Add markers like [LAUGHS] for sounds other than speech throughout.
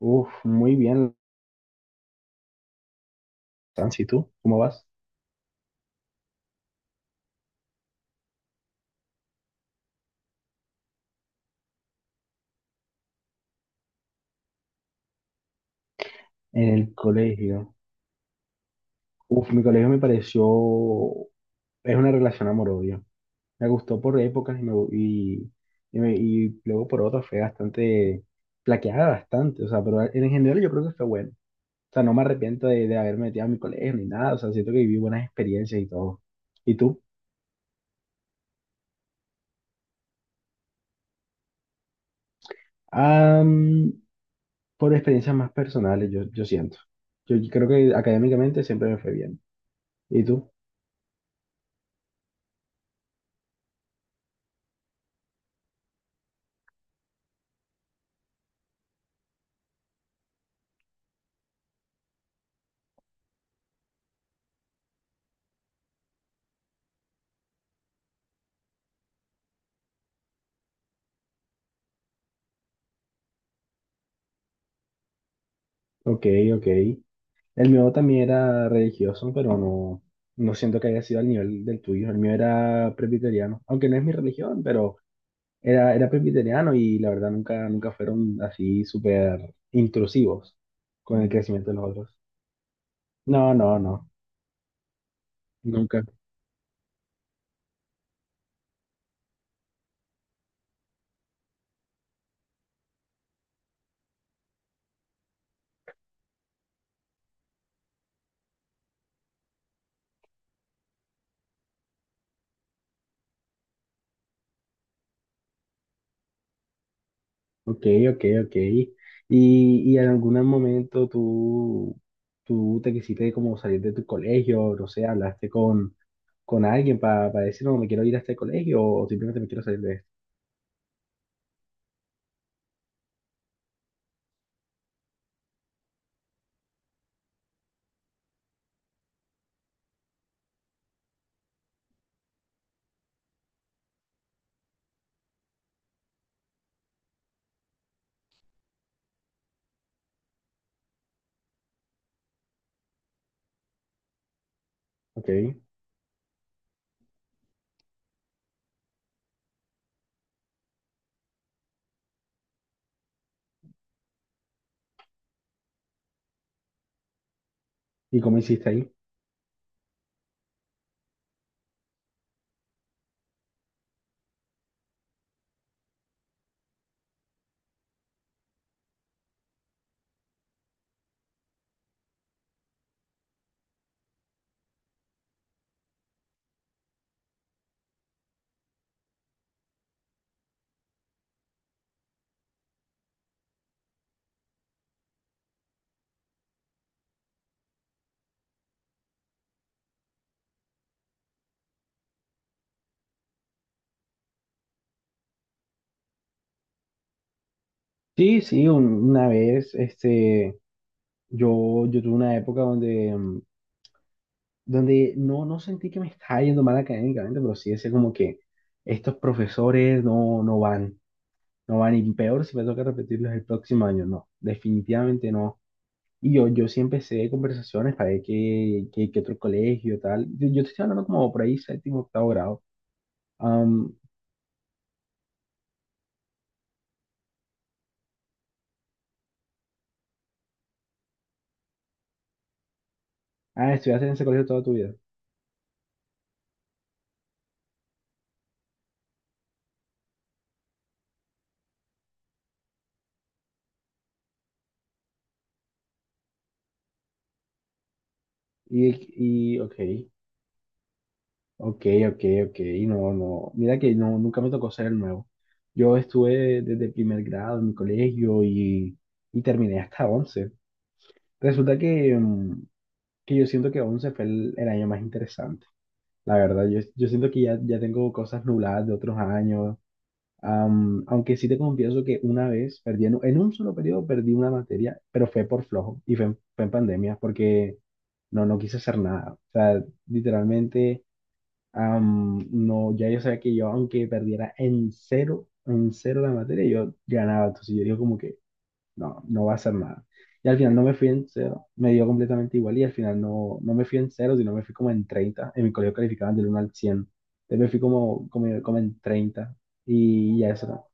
Uf, muy bien, Sansi, ¿y tú? ¿Cómo vas? En el colegio. Uf, mi colegio me pareció, es una relación amor-odio. Me gustó por épocas y y luego por otras fue bastante, flaqueada bastante, o sea, pero en general yo creo que fue bueno. O sea, no me arrepiento de haberme metido a mi colegio ni nada, o sea, siento que viví buenas experiencias y todo. ¿Y tú? Am, por experiencias más personales, yo siento. Yo creo que académicamente siempre me fue bien. ¿Y tú? Ok, ok. El mío también era religioso, pero no siento que haya sido al nivel del tuyo. El mío era presbiteriano, aunque no es mi religión, pero era presbiteriano y la verdad nunca, nunca fueron así súper intrusivos con el crecimiento de los otros. No, no, no, nunca. Ok, ok, ok. Y en algún momento tú te quisiste como salir de tu colegio, no sé, hablaste con alguien para decir, no, me quiero ir a este colegio o simplemente me quiero salir de esto? Ok. ¿Y cómo hiciste ahí? Sí, sí, una vez, este, yo tuve una época donde, donde no sentí que me estaba yendo mal académicamente, pero sí decía como que estos profesores no van, y peor si me toca repetirlos el próximo año, no, definitivamente no. Y yo sí empecé conversaciones para ver qué otro colegio, tal. Yo te estoy hablando como por ahí, séptimo, octavo grado. Am, ah, estudiaste en ese colegio toda tu vida. Y ok. Ok, ok, ok, no, no, mira que no, nunca me tocó ser el nuevo. Yo estuve desde primer grado en mi colegio y terminé hasta 11. Resulta que, que yo siento que 11 fue el año más interesante, la verdad. Yo siento que ya tengo cosas nubladas de otros años, aunque sí te confieso que una vez perdí, en un solo periodo perdí una materia, pero fue por flojo y fue, fue en pandemia porque no quise hacer nada. O sea, literalmente… No, ya yo sabía que yo, aunque perdiera en cero la materia, yo ganaba. Entonces yo digo como que no va a ser nada. Y al final no me fui en cero, me dio completamente igual y al final no me fui en cero, sino me fui como en treinta. En mi colegio calificaban del uno al cien. Entonces me fui como, como, como en 30 y ya eso.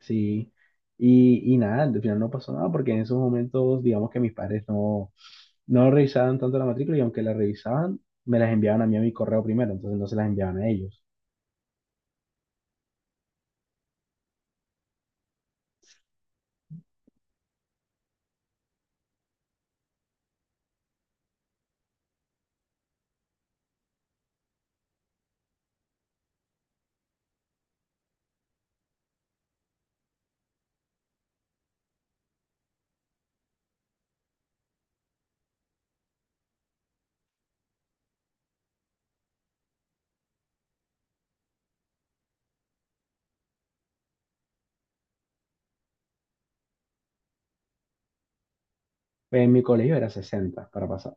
Sí, y nada, al final no pasó nada porque en esos momentos, digamos que mis padres no revisaban tanto la matrícula y aunque la revisaban, me las enviaban a mí a mi correo primero, entonces no se las enviaban a ellos. Pues en mi colegio era 60 para pasar,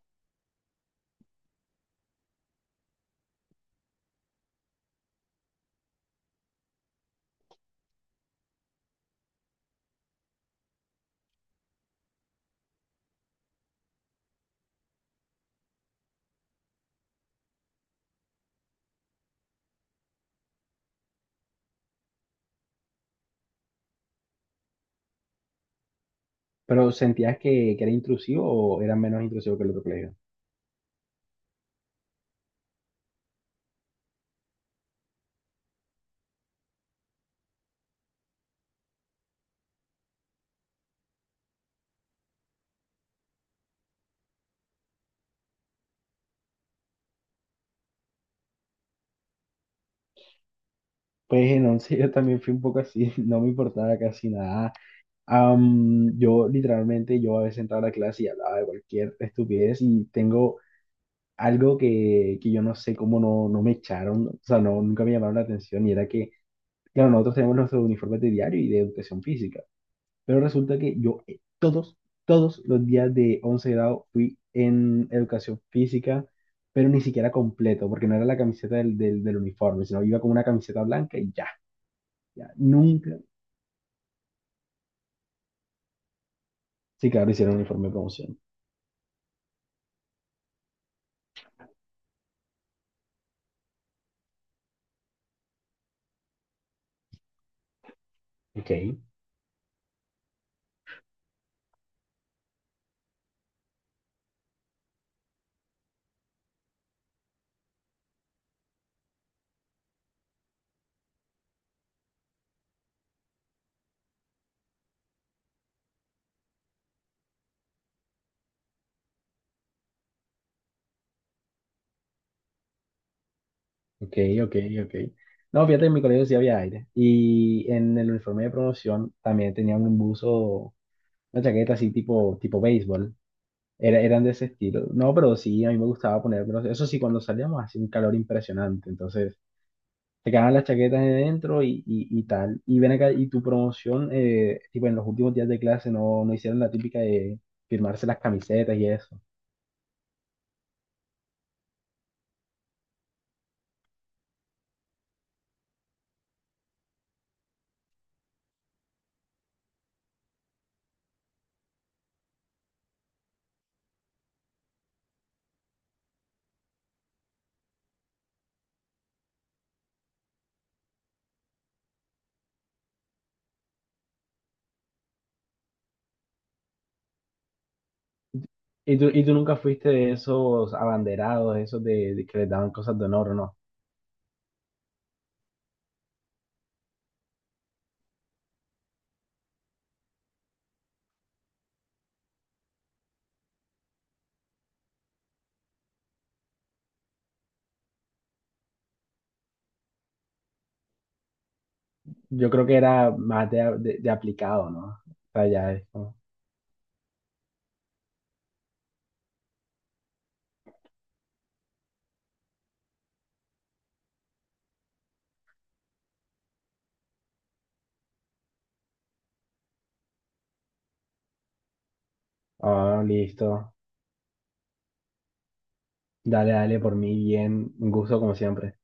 pero ¿sentías que era intrusivo o era menos intrusivo que el otro colegio? Pues en 11 yo también fui un poco así, [LAUGHS] no me importaba casi nada. Yo literalmente, yo a veces entraba a la clase y hablaba de cualquier estupidez y tengo algo que yo no sé cómo no me echaron, o sea, no, nunca me llamaron la atención, y era que, claro, nosotros tenemos nuestros uniformes de diario y de educación física, pero resulta que yo todos, todos los días de 11 grado fui en educación física, pero ni siquiera completo, porque no era la camiseta del uniforme, sino iba con una camiseta blanca y ya, ya, nunca. Sí, claro, hicieron uniforme de promoción. Ok. Ok, ok, ok. No, fíjate, en mi colegio sí había aire. Y en el uniforme de promoción también tenía un buzo. Una chaqueta así tipo, tipo béisbol. Era, eran de ese estilo. No, pero sí, a mí me gustaba ponérmelos. Eso sí, cuando salíamos hacía un calor impresionante. Entonces, te quedaban las chaquetas de dentro y tal. Y ven acá, y tu promoción, tipo en los últimos días de clase no hicieron la típica de firmarse las camisetas y eso. Y tú nunca fuiste de esos abanderados, esos de que les daban cosas de honor, ¿no? Yo creo que era más de aplicado, ¿no? O sea, ya es como, ah, listo. Dale, dale, por mí bien, un gusto como siempre.